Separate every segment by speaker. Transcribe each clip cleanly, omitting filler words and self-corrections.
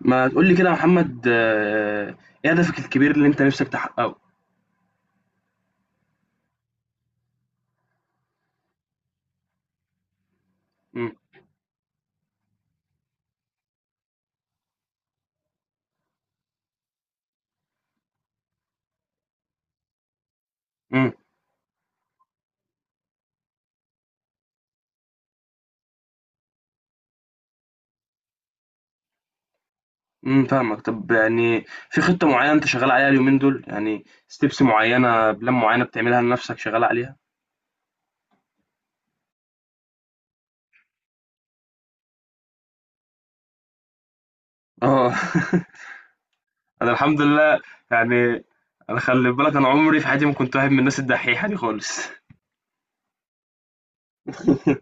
Speaker 1: ما تقول لي كده يا محمد ايه هدفك الكبير اللي انت نفسك تحققه. امم امم فاهمك. طب يعني في خطة معينة انت شغال عليها اليومين دول، يعني ستيبس معينة، بلان معينة بتعملها لنفسك شغال عليها. اه. انا الحمد لله. يعني انا خلي بالك، انا عمري في حياتي ما كنت واحد من الناس الدحيحة دي خالص.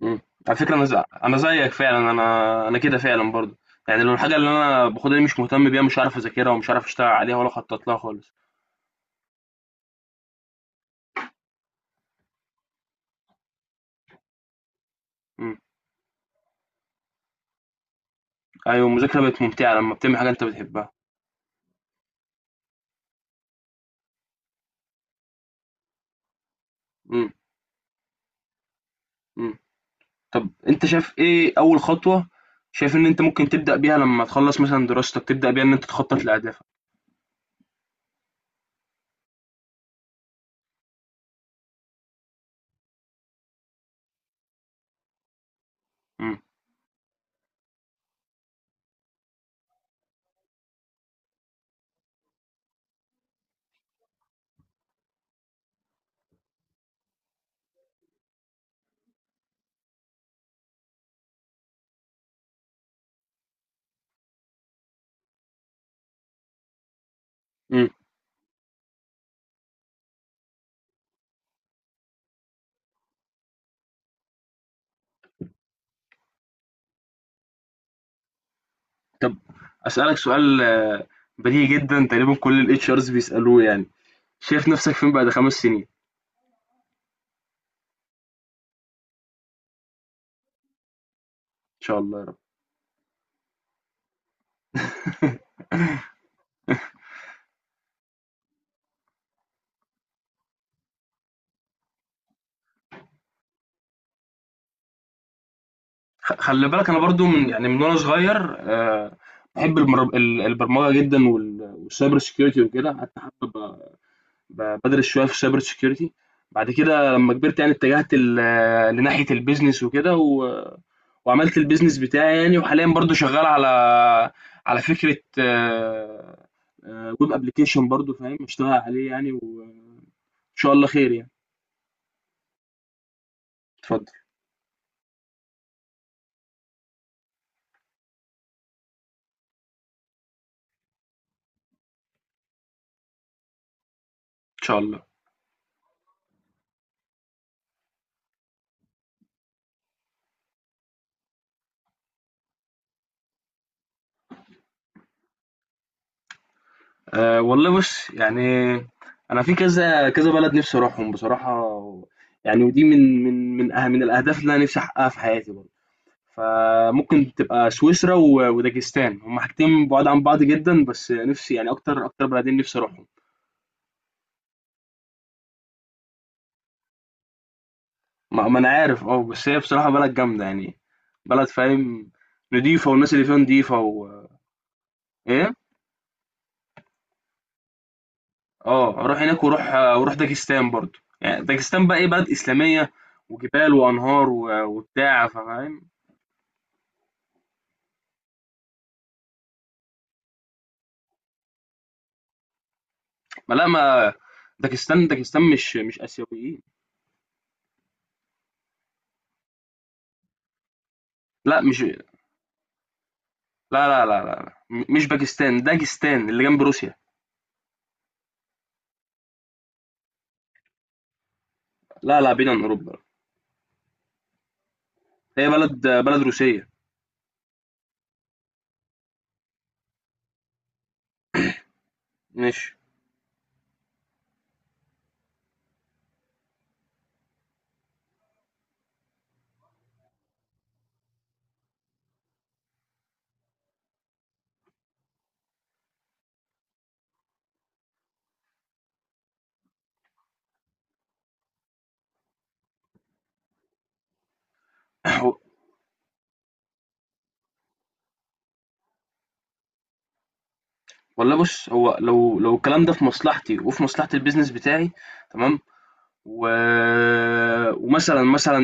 Speaker 1: مم. على فكرة أنا أنا زيك فعلا، أنا كده فعلا برضو. يعني لو الحاجة اللي أنا باخدها دي مش مهتم بيها، مش عارف أذاكرها ومش عارف أشتغل عليها ولا أخطط لها خالص. أيوه، المذاكرة بقت ممتعة لمّا بتعمل حاجة أنت بتحبها. إمم. إمم. طب أنت شايف إيه أول خطوة، شايف إن أنت ممكن تبدأ بيها لمّا تخلّص مثلًا دراستك، تبدأ بيها إن أنت تخطط لأهدافك؟ إمم. إمم. طب أسألك سؤال بديهي جدًا، تقريبًا كل الHRs بيسألوه، يعني شايف نَفْسك فين بعد 5 سنين؟ إن شاء الله يا رب. خلّي بالك أنا برضه، من يعني من وأنا صغير باحب المر ال البرمجة جدًا، والcyber security وكده. حتى حابب بدرس شويه في سايبر سيكيورتي. بعد كده لما كبرت يعني اتجهت لناحيه البيزنس وكده وعملت البيزنس بتاعي يعني. وحاليا برضو شغال على على فكره ويب ابلكيشن برضو فاهم، اشتغل عليه يعني، وان شاء الله خير يعني. اتفضل. ان شاء الله. أه والله بص يعني، انا في كذا كذا بلد نفسي اروحهم بصراحه. يعني ودي من الاهداف اللي انا نفسي احققها في حياتي برضو. فممكن تبقى سويسرا وداجستان، هما حاجتين بعاد عن بعض جدا، بس نفسي يعني اكتر اكتر بلدين نفسي اروحهم. ما انا عارف، اه، بس هي بصراحة بلد جامدة يعني، بلد فاهم، نضيفة والناس اللي فيها نضيفة و… ايه. اه، اروح هناك، واروح داجستان برضو. يعني داجستان بقى ايه، بلد اسلامية وجبال وانهار وبتاع فاهم. ما لا ما داجستان، داجستان مش اسيويين. لا مش لا لا لا لا لا. مش باكستان، داجستان اللي جنب روسيا. لا لا، بعيد عن اوروبا، هي بلد بلد روسية. ماشي. هو- والله بص، هو لو الكلام ده في مصلحتي وفي مصلحة البيزنس بتاعي، تمام. و... ومثلا، مثلا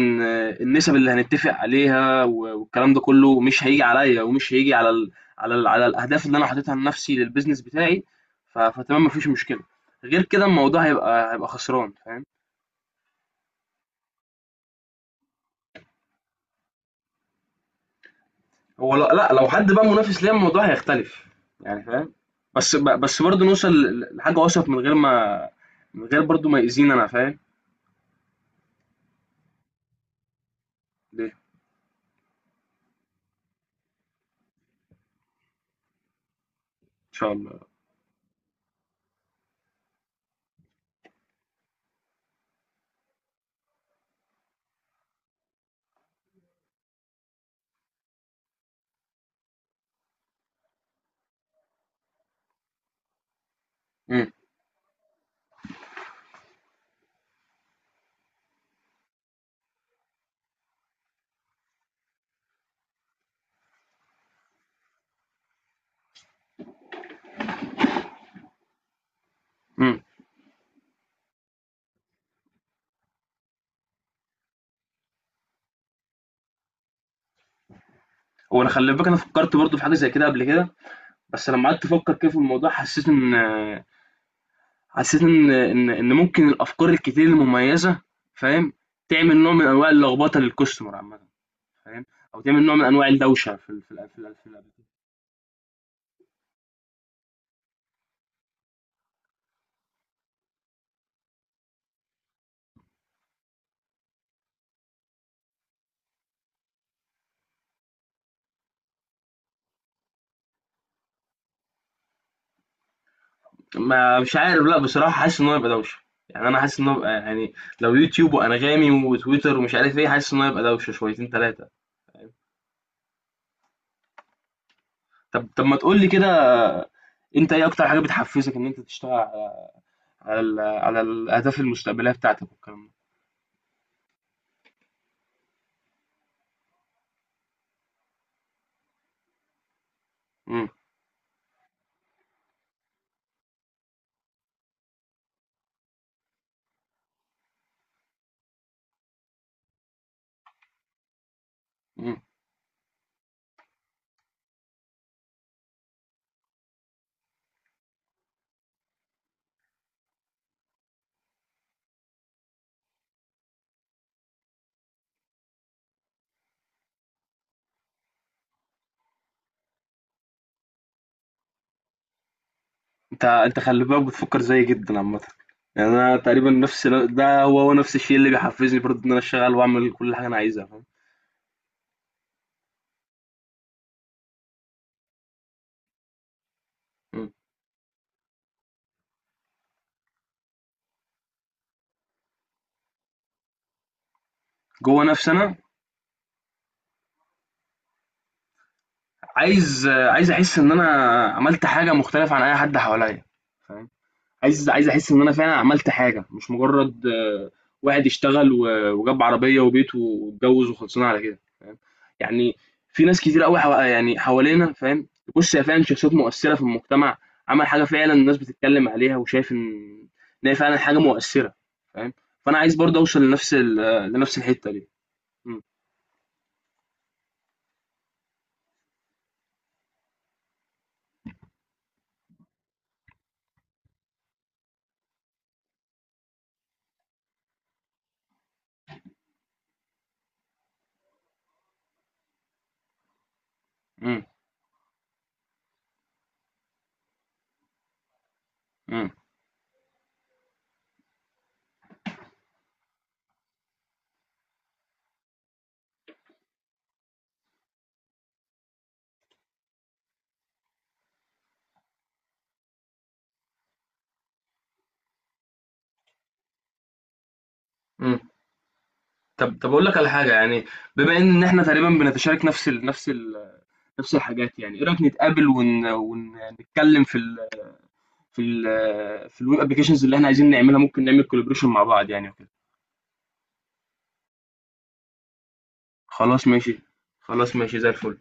Speaker 1: النسب اللي هنتفق عليها والكلام ده كله مش هيجي عليا، ومش هيجي على على الاهداف اللي انا حاططها لنفسي للبيزنس بتاعي. فتمام، مفيش مشكلة. غير كده الموضوع هيبقى هيبقى خسران فاهم. هو لا, لا لو حد بقى منافس ليا الموضوع هيختلف يعني فاهم. بس بس برضه نوصل لحاجة أوسط، من غير ما، من غير برضه ما يأذينا، أنا فاهم. ليه؟ إن شاء الله. امم امم هو أنا خلي بالك أنا فكرت برضه في حاجة زي كده قبل كده. بس لما قعدت أفكر كده في الموضوع، حسيت إن، حسيت إن ممكن الأفكار الكتير المميزة، فاهم، تعمل نوع من أنواع اللخبطة للكاستمر عامة، فاهم، أو تعمل نوع من أنواع الدوشة في ما مش عارف لا بصراحة، حاسس ان هو يبقى دوشة. يعني انا حاسس ان هو يبقى يعني، لو يوتيوب وانغامي وتويتر ومش عارف ايه، حاسس ان هو يبقى دوشة شويتين ثلاثة. طب ما تقول لي كده، انت ايه اكتر حاجة بتحفزك ان انت تشتغل على، على على الاهداف المستقبلية بتاعتك والكلام ده. مم. مم. انت انت خلي بالك بتفكر زيي جدا عامة. يعني انا تقريبا نفس ده هو نفس الشيء اللي بيحفزني برضه، ان انا اشتغل واعمل كل حاجة انا عايزها، فاهم. مم. جوه نفسي انا، عايز أحس إن أنا عملت حاجة مختلفة عن أي حد حواليّا، فاهم؟ عايز أحس إن أنا فعلًا عملت حاجة، مش مجرد واحد اشتغل و وجاب عربية وبيت واتجوز وخلصنا على كده، فاهم؟ يعني في ناس كتير أوي حوالينا فاهم، تبُص هي فعلًا شخصيات مؤثرة في المجتمع، عمل حاجة فعلًا الناس بتتكلم عليها، وشايف إن إن هي فعلًا حاجة مؤثرة، فاهم؟ فأنا عايز برضه أوصل لنفس ال، لنفس الحتة دي. إمم. إمم. إمم. إمم. طب اقول لك على حاجه يعني، بما ان احنا تقريبا بنتشارك نفس الحاجات، يعني ايه رايك نتقابل ونتكلم في ال في ال في الويب ابلكيشنز اللي احنا عايزين نعملها، ممكن نعمل كولابريشن مع بعض يعني وكده. خلاص ماشي، خلاص ماشي زي الفل.